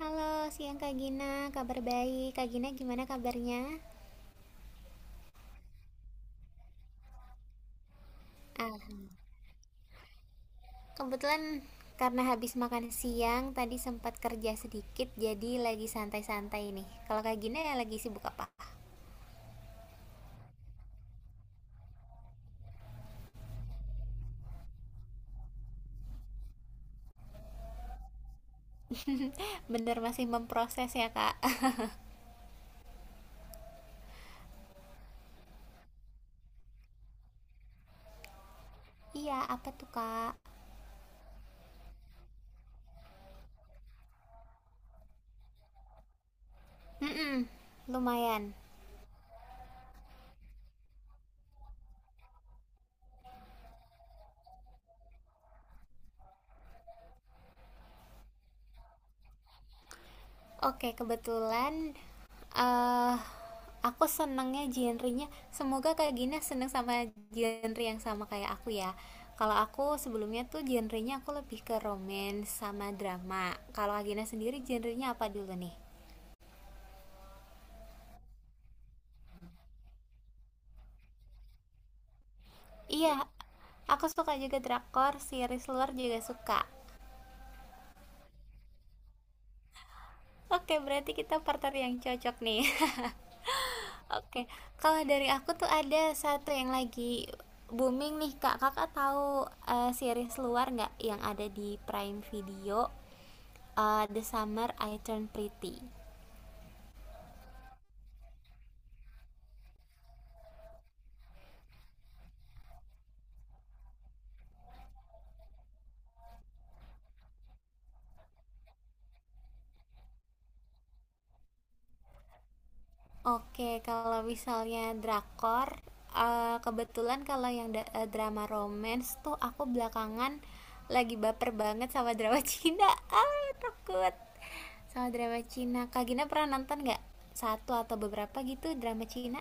Halo, siang Kak Gina. Kabar baik. Kak Gina gimana kabarnya? Ah, kebetulan karena habis makan siang tadi sempat kerja sedikit jadi lagi santai-santai nih. Kalau Kak Gina ya lagi sibuk apa? Bener masih memproses ya, Kak? Iya, apa tuh, Kak? Mm-mm, lumayan. Oke, kebetulan eh aku senengnya genrenya. Semoga Kak Gina seneng sama genre yang sama kayak aku ya. Kalau aku sebelumnya tuh genrenya aku lebih ke romance sama drama. Kalau Kak Gina sendiri genrenya apa dulu nih? Iya, aku suka juga drakor, series luar juga suka. Oke, berarti kita partner yang cocok nih. Oke, kalau dari aku tuh ada satu yang lagi booming nih kak. Kakak tahu series luar nggak yang ada di Prime Video The Summer I Turned Pretty. Oke, kalau misalnya drakor, kebetulan kalau yang drama romance tuh aku belakangan lagi baper banget sama drama Cina. Ah, takut sama drama Cina. Kak Gina pernah nonton nggak satu atau beberapa gitu drama Cina?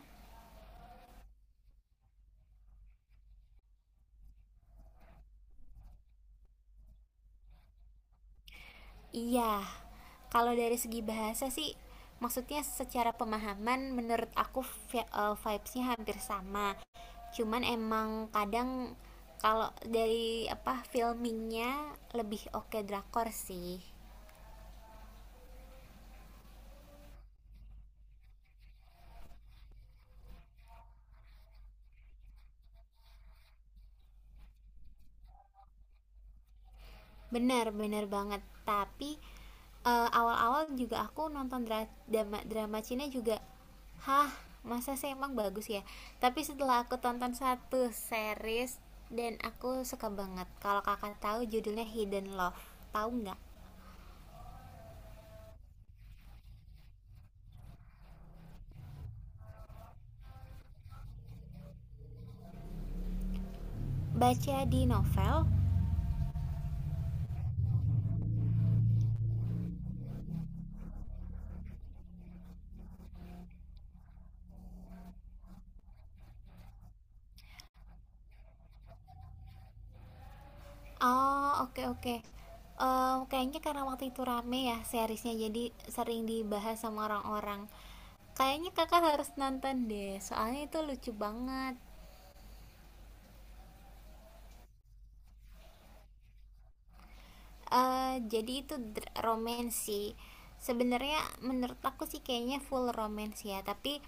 Iya, kalau dari segi bahasa sih, maksudnya secara pemahaman menurut aku vibes-nya hampir sama. Cuman emang kadang kalau dari apa filmingnya lebih oke drakor sih. Bener, bener banget. Tapi awal-awal juga aku nonton dra- drama drama Cina juga, hah, masa sih emang bagus ya? Tapi setelah aku tonton satu series dan aku suka banget. Kalau kakak tahu judulnya Hidden Love, tahu nggak? Baca di novel. Oh, oke oke. Eh, kayaknya karena waktu itu rame ya seriesnya, jadi sering dibahas sama orang-orang. Kayaknya kakak harus nonton deh, soalnya itu lucu banget. Eh, jadi itu romance sih. Sebenarnya menurut aku sih kayaknya full romance ya, tapi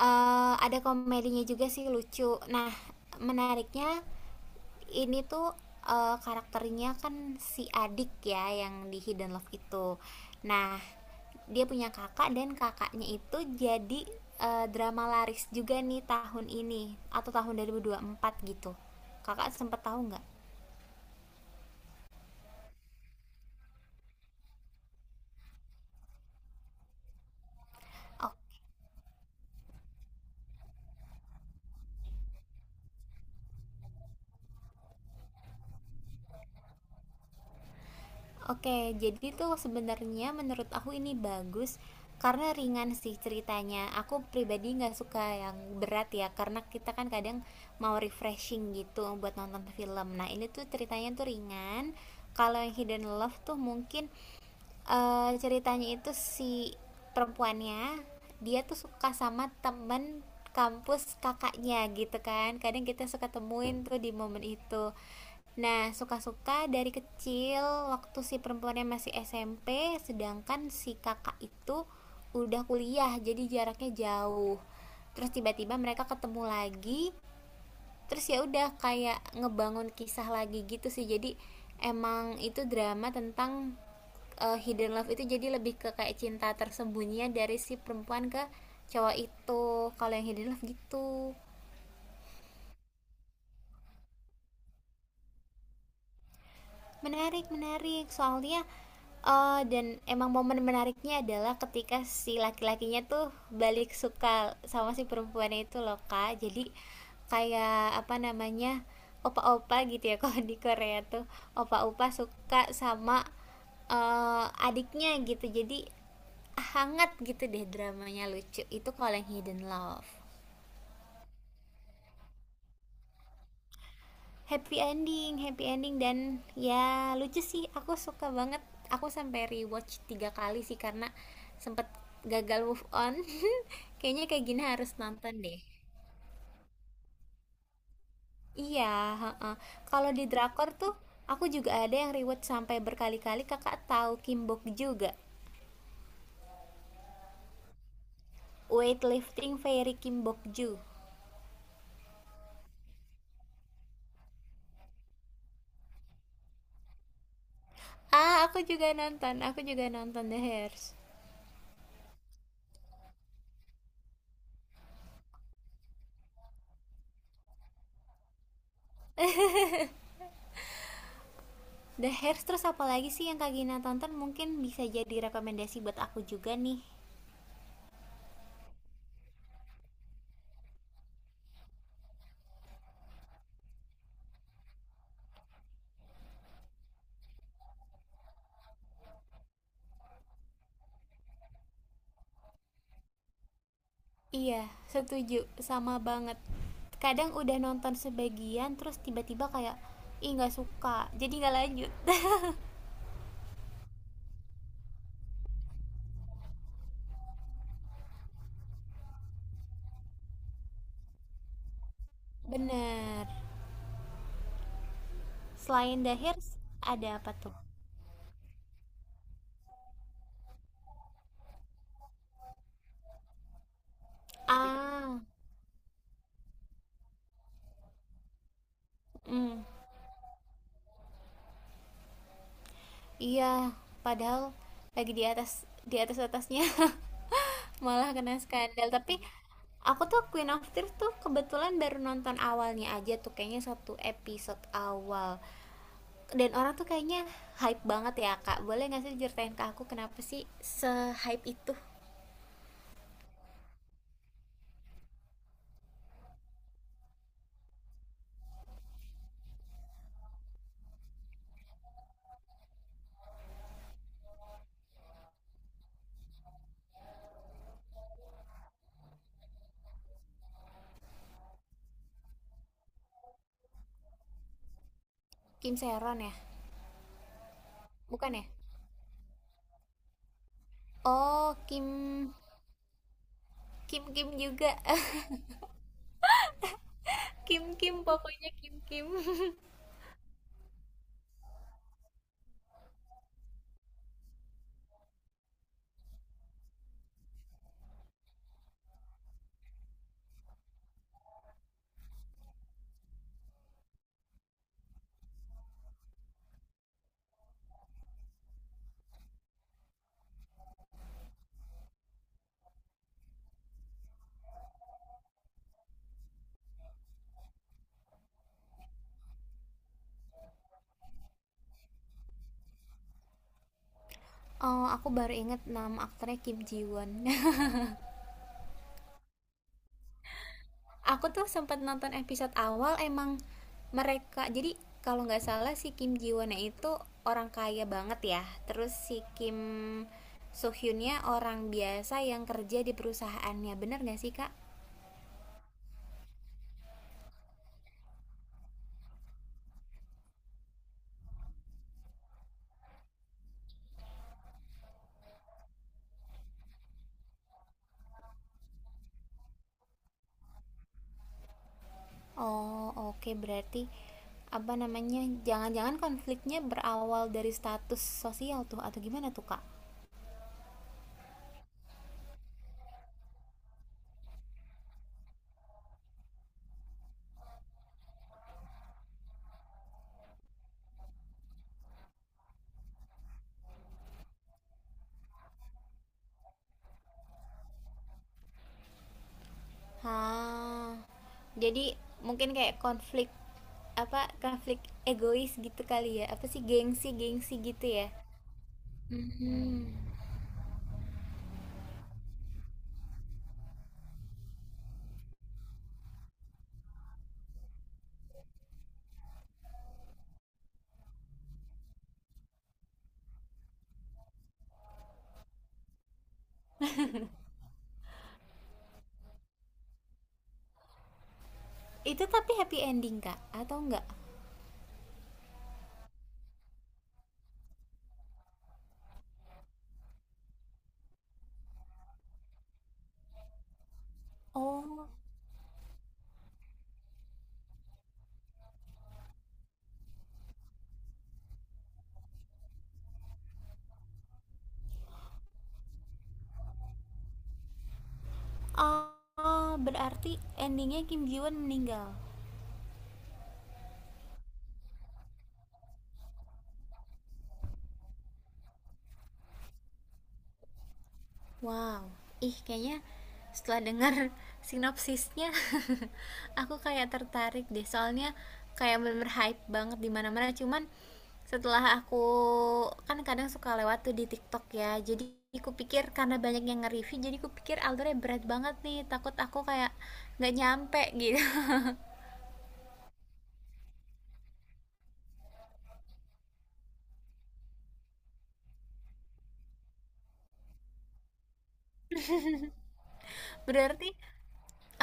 ada komedinya juga sih lucu. Nah, menariknya ini tuh karakternya kan si adik ya yang di Hidden Love itu. Nah, dia punya kakak dan kakaknya itu jadi drama laris juga nih tahun ini atau tahun dua dua ribu dua puluh empat gitu. Kakak sempet tahu nggak? Oke. Oke, jadi tuh sebenarnya menurut aku ini bagus karena ringan sih ceritanya. Aku pribadi nggak suka yang berat ya, karena kita kan kadang mau refreshing gitu buat nonton film. Nah, ini tuh ceritanya tuh ringan. Kalau yang Hidden Love tuh mungkin ceritanya itu si perempuannya dia tuh suka sama temen kampus kakaknya gitu kan kadang kita suka temuin tuh di momen itu, nah suka-suka dari kecil waktu si perempuannya masih SMP sedangkan si kakak itu udah kuliah jadi jaraknya jauh, terus tiba-tiba mereka ketemu lagi, terus ya udah kayak ngebangun kisah lagi gitu sih. Jadi emang itu drama tentang hidden love itu, jadi lebih ke kayak cinta tersembunyi dari si perempuan ke cowok itu, kalau yang hidden love gitu. Menarik menarik. Soalnya, dan emang momen menariknya adalah ketika si laki-lakinya tuh balik suka sama si perempuannya itu loh, Kak. Jadi kayak, apa namanya, opa-opa gitu ya kalau di Korea tuh, opa-opa suka sama, adiknya gitu. Jadi hangat gitu deh dramanya, lucu. Itu kalau yang Hidden Love. Happy ending, happy ending, dan ya lucu sih aku suka banget. Aku sampai rewatch 3 kali sih karena sempet gagal move on. Kayaknya kayak gini harus nonton deh. Iya, heeh. Kalau di drakor tuh aku juga ada yang rewatch sampai berkali-kali. Kakak tahu Kim Bok juga, Weightlifting Fairy Kim Bok Ju? Ah, aku juga nonton, aku juga nonton The Hairs. The Hairs, terus apa lagi sih yang Kak Gina tonton? Mungkin bisa jadi rekomendasi buat aku juga nih. Iya, setuju. Sama banget. Kadang udah nonton sebagian terus tiba-tiba kayak ih nggak suka. Jadi nggak lanjut. Bener. Selain The Hairs, ada apa tuh? Ah, mm, iya. Padahal lagi di atas, di atas atasnya malah kena skandal. Tapi aku tuh Queen of Tears tuh kebetulan baru nonton awalnya aja tuh, kayaknya satu episode awal. Dan orang tuh kayaknya hype banget ya kak, boleh nggak sih ceritain ke aku kenapa sih se hype itu? Kim Seron ya? Bukan ya? Oh, Kim, Kim Kim juga. Kim Kim pokoknya, Kim Kim. Oh, aku baru inget nama aktornya, Kim Ji Won. Aku tuh sempat nonton episode awal. Emang mereka jadi, kalau nggak salah si Kim Ji Wonnya itu orang kaya banget ya, terus si Kim So Hyunnya orang biasa yang kerja di perusahaannya, bener nggak sih kak? Oh, oke, berarti, apa namanya, jangan-jangan konfliknya berawal dari status sosial tuh atau gimana tuh, Kak? Ah, jadi mungkin kayak konflik, apa, konflik egois gitu kali ya. Apa sih gengsi-gengsi gitu ya? Hmm. Itu tapi happy ending, Kak, atau enggak? Oh. Ah, berarti endingnya Kim Ji Won meninggal. Wow, ih kayaknya setelah dengar sinopsisnya aku kayak tertarik deh. Soalnya kayak bener-bener hype banget di mana-mana. Cuman setelah aku, kan kadang suka lewat tuh di TikTok ya, jadi aku pikir karena banyak yang nge-review, jadi aku pikir alurnya berat banget nih, takut aku kayak nggak nyampe gitu. Berarti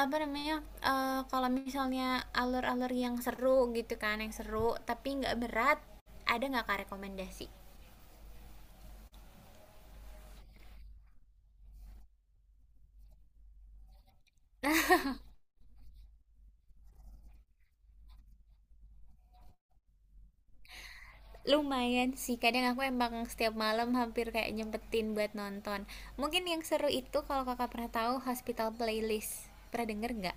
apa namanya, kalau misalnya alur-alur yang seru gitu kan, yang seru tapi nggak berat, ada nggak kak rekomendasi? Lumayan sih, kadang aku emang setiap malam hampir kayak nyempetin buat nonton. Mungkin yang seru itu kalau kakak pernah tahu Hospital Playlist. Pernah denger nggak?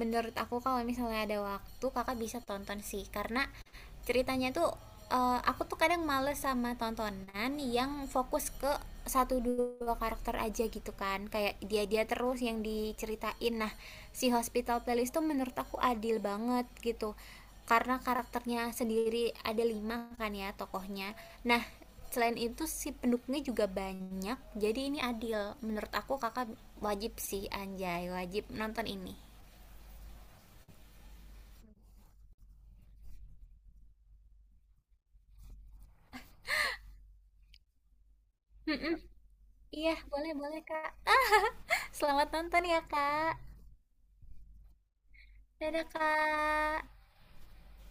Menurut aku kalau misalnya ada waktu kakak bisa tonton sih, karena ceritanya tuh aku tuh kadang males sama tontonan yang fokus ke satu dua karakter aja gitu kan, kayak dia dia terus yang diceritain. Nah, si Hospital Playlist tuh menurut aku adil banget gitu, karena karakternya sendiri ada 5 kan ya tokohnya. Nah, selain itu si pendukungnya juga banyak, jadi ini adil menurut aku. Kakak wajib sih, anjay, wajib nonton ini. Mm-mm. Iya, boleh boleh Kak. Selamat nonton ya Kak. Dadah Kak.